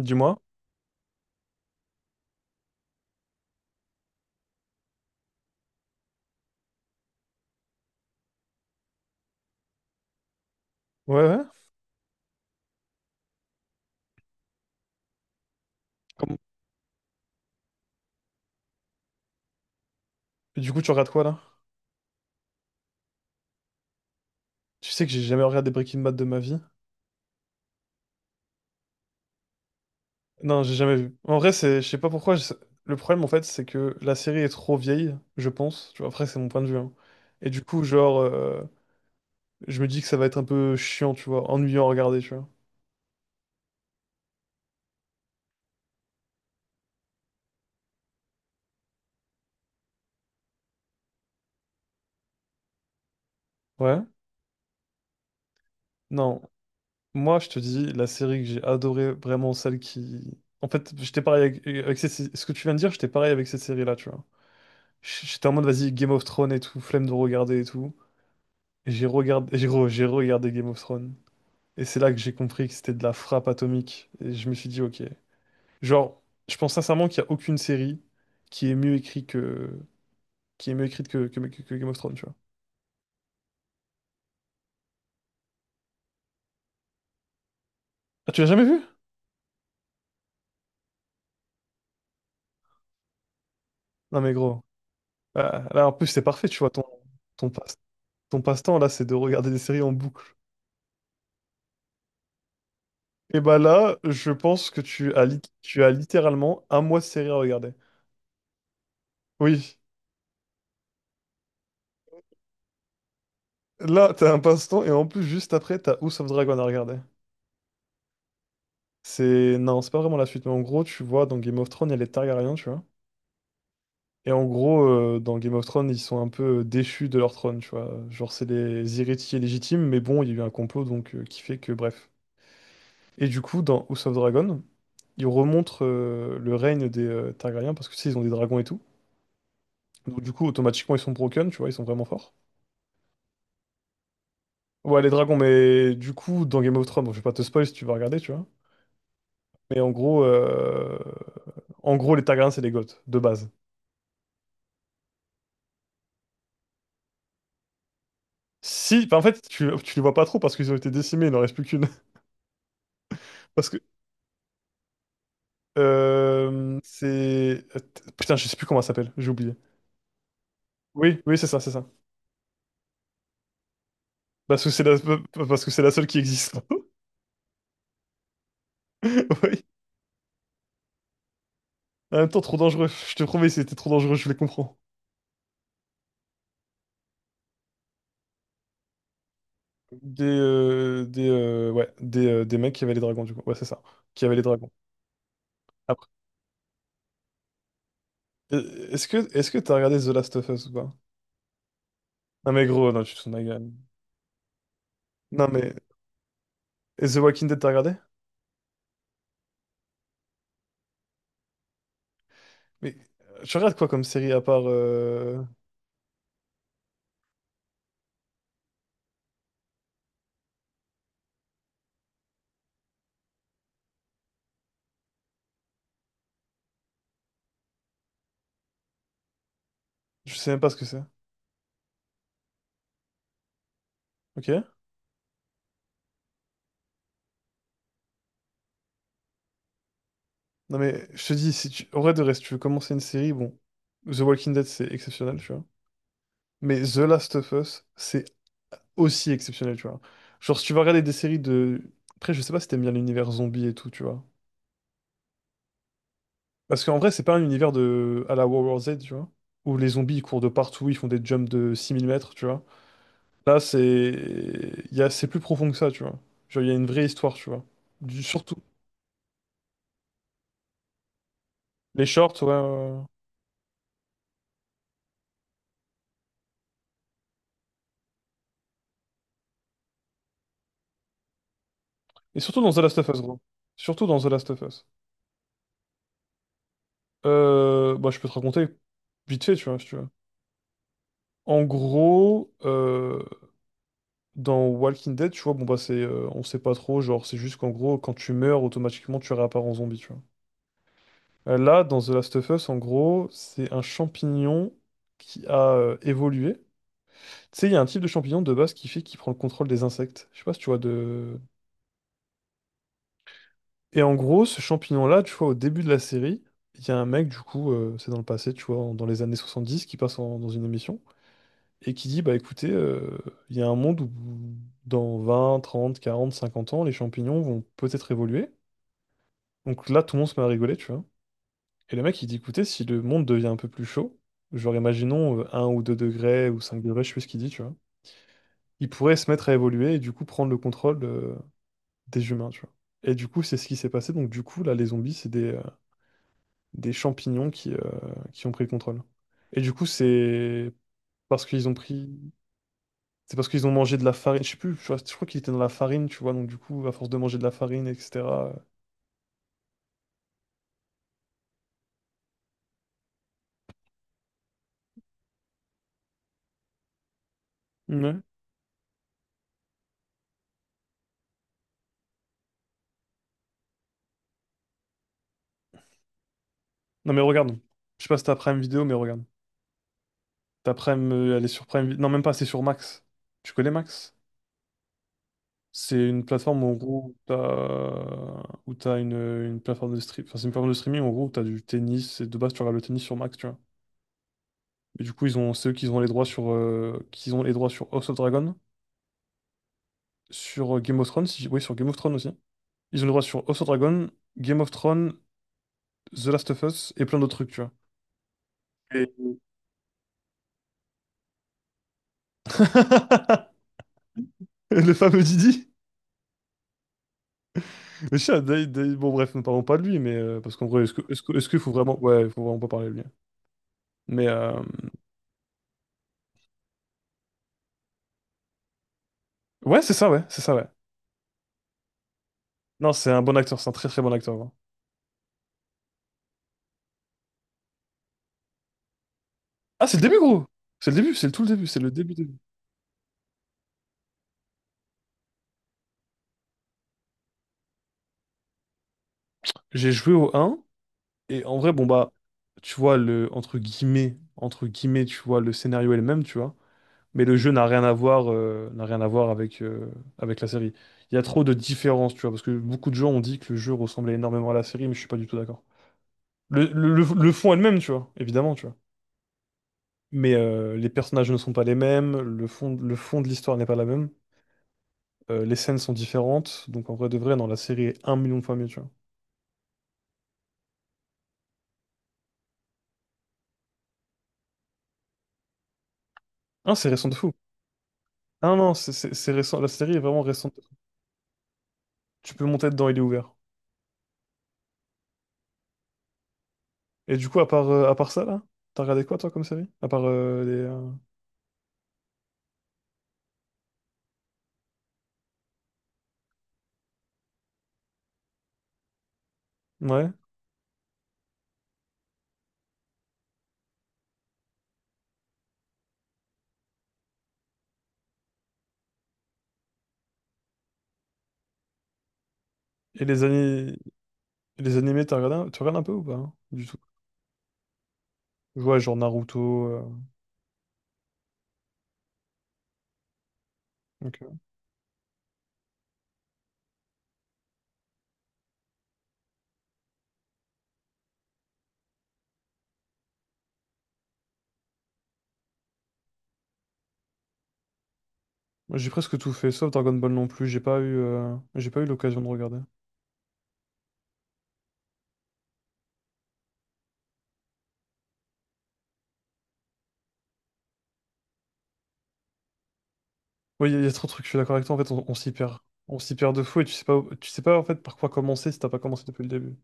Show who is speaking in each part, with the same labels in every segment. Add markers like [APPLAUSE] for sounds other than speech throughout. Speaker 1: Dis-moi. Ouais, ouais. Comme- Et du coup, tu regardes quoi là? Tu sais que j'ai jamais regardé Breaking Bad de ma vie. Non, j'ai jamais vu. En vrai, c'est, je sais pas pourquoi. Le problème, en fait, c'est que la série est trop vieille, je pense. Tu vois, après, c'est mon point de vue, hein. Et du coup, genre, je me dis que ça va être un peu chiant, tu vois, ennuyant à regarder, tu vois. Ouais. Non. Moi, je te dis, la série que j'ai adorée, vraiment celle qui. En fait, j'étais pareil avec ce que tu viens de dire. J'étais pareil avec cette série-là, tu vois. J'étais en mode, vas-y, Game of Thrones et tout, flemme de regarder et tout. J'ai regardé Game of Thrones. Et c'est là que j'ai compris que c'était de la frappe atomique. Et je me suis dit, OK. Genre, je pense sincèrement qu'il n'y a aucune série qui est mieux écrite que, qui est mieux écrite que Game of Thrones, tu vois. Ah, tu l'as jamais vu? Non, mais gros. Ah, là, en plus, c'est parfait, tu vois. Ton passe, ton passe-temps, là, c'est de regarder des séries en boucle. Et bah là, je pense que tu as littéralement un mois de série à regarder. Oui. Là, t'as un passe-temps et en plus, juste après, t'as House of Dragon à regarder. Non, c'est pas vraiment la suite, mais en gros, tu vois, dans Game of Thrones, il y a les Targaryens, tu vois. Et en gros, dans Game of Thrones, ils sont un peu déchus de leur trône, tu vois. Genre, c'est les héritiers légitimes, mais bon, il y a eu un complot, donc qui fait que, bref. Et du coup, dans House of Dragon, ils remontrent le règne des Targaryens, parce que tu sais, ils ont des dragons et tout. Donc, du coup, automatiquement, ils sont broken, tu vois, ils sont vraiment forts. Ouais, les dragons, mais du coup, dans Game of Thrones, bon, je vais pas te spoil si tu vas regarder, tu vois. Mais en gros, les Targaryens, c'est des Goths, de base. Si, enfin, en fait, tu les vois pas trop parce qu'ils ont été décimés, il n'en reste plus qu'une. [LAUGHS] Parce que, euh, c'est... Putain, je sais plus comment elle s'appelle, j'ai oublié. Oui, oui, c'est ça, c'est ça. Parce que c'est la, parce que c'est la seule qui existe. [LAUGHS] Oui. En même temps, trop dangereux. Je te promets, c'était trop dangereux, je les comprends. Des mecs qui avaient les dragons, du coup. Ouais, c'est ça. Qui avaient les dragons. Après. Est-ce que t'as regardé The Last of Us ou pas? Non, mais gros, non, tu te fous de ma gueule. Non, mais, et The Walking Dead, t'as regardé? Mais, tu regardes quoi comme série à part? Je sais même pas ce que c'est. OK? Non mais je te dis, si tu, en vrai de reste, tu veux commencer une série, bon, The Walking Dead c'est exceptionnel, tu vois. Mais The Last of Us, c'est aussi exceptionnel, tu vois. Genre si tu vas regarder des séries de. Après je sais pas si t'aimes bien l'univers zombie et tout, tu vois. Parce qu'en vrai c'est pas un univers de, à la World War Z, tu vois. Où les zombies ils courent de partout, ils font des jumps de 6 000 mètres, tu vois. Là c'est... il Y a... C'est plus profond que ça, tu vois. Genre il y a une vraie histoire, tu vois. Surtout. Les shorts, ouais. Ouais, ouais. Et surtout dans The Last of Us, gros. Surtout dans The Last of Us. Bah, je peux te raconter vite fait, tu vois, si tu veux. En gros, dans Walking Dead, tu vois, bon bah c'est, on sait pas trop, genre c'est juste qu'en gros, quand tu meurs, automatiquement tu réapparais en zombie, tu vois. Là, dans The Last of Us, en gros, c'est un champignon qui a évolué. Tu sais, il y a un type de champignon de base qui fait qu'il prend le contrôle des insectes. Je sais pas si tu vois de. Et en gros, ce champignon-là, tu vois, au début de la série, il y a un mec, du coup, c'est dans le passé, tu vois, dans les années 70 qui passe dans une émission. Et qui dit, bah écoutez, il y a un monde où dans 20, 30, 40, 50 ans, les champignons vont peut-être évoluer. Donc là, tout le monde se met à rigoler, tu vois. Et le mec, il dit, écoutez, si le monde devient un peu plus chaud, genre imaginons 1 ou 2 degrés ou 5 degrés, je sais plus ce qu'il dit, tu vois, il pourrait se mettre à évoluer et du coup prendre le contrôle des humains, tu vois. Et du coup, c'est ce qui s'est passé. Donc du coup, là, les zombies, c'est des champignons qui ont pris le contrôle. Et du coup, c'est parce qu'ils ont pris C'est parce qu'ils ont mangé de la farine. Je sais plus, je crois qu'ils étaient dans la farine, tu vois. Donc, du coup, à force de manger de la farine, etc. euh, Ouais. Non, mais regarde. Je sais pas si t'as Prime Vidéo, mais regarde. Ta Prime, elle est sur Prime Vi-, non, même pas, c'est sur Max. Tu connais Max? C'est une plateforme, en gros, où t'as une plateforme de stream. Enfin, c'est une plateforme de streaming, en gros, où t'as du tennis. Et de base, tu regardes le tennis sur Max, tu vois. Et du coup, ils ont ceux qui ont les droits sur, House of Dragon, sur Game of Thrones, oui, sur Game of Thrones aussi. Ils ont les droits sur House of Dragon, Game of Thrones, The Last of Us et plein d'autres trucs, tu vois. Et- [LAUGHS] Le fameux Didi. Le chat, bon, bref, ne parlons pas de lui, mais parce qu'en vrai, est-ce qu'il faut vraiment. Ouais, il faut vraiment pas parler de lui. Mais ouais, c'est ça, ouais, c'est ça, ouais. Non, c'est un bon acteur, c'est un très très bon acteur, hein. Ah, c'est le début, gros! C'est le début, c'est le tout le début, c'est le début, début. J'ai joué au un et en vrai, bon, bah, tu vois, le, entre guillemets, tu vois, le scénario est le même, tu vois. Mais le jeu n'a rien à voir, n'a rien à voir avec la série. Il y a trop de différences, tu vois, parce que beaucoup de gens ont dit que le jeu ressemblait énormément à la série, mais je suis pas du tout d'accord. Le fond est le même, tu vois, évidemment, tu vois. Mais les personnages ne sont pas les mêmes, le fond de l'histoire n'est pas la même, les scènes sont différentes, donc en vrai de vrai, dans la série est un million de fois mieux, tu vois. Hein, c'est récent de fou. Ah non, non, c'est récent, la série est vraiment récente. Tu peux monter dedans, il est ouvert. Et du coup, à part ça, là, t'as regardé quoi, toi, comme série? Ouais. Et les années. Les animés, tu regardes un peu ou pas, hein? Du tout. Ouais, genre Naruto. OK. Moi, j'ai presque tout fait, sauf Dragon Ball non plus. J'ai pas eu l'occasion de regarder. Oui, il y a trop de trucs. Je suis d'accord avec toi. En fait, on s'y perd. On s'y perd de fou et tu sais pas en fait par quoi commencer si t'as pas commencé depuis le début.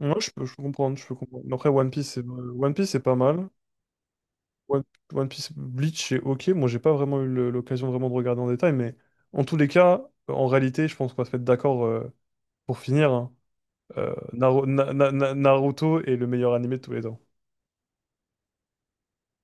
Speaker 1: Moi, je peux comprendre. Mais après, One Piece, c'est pas mal. One, One Piece, Bleach, c'est OK. Moi, j'ai pas vraiment eu l'occasion vraiment de regarder en détail, mais en tous les cas, en réalité, je pense qu'on va se mettre d'accord pour finir, hein. Naruto est le meilleur animé de tous les temps.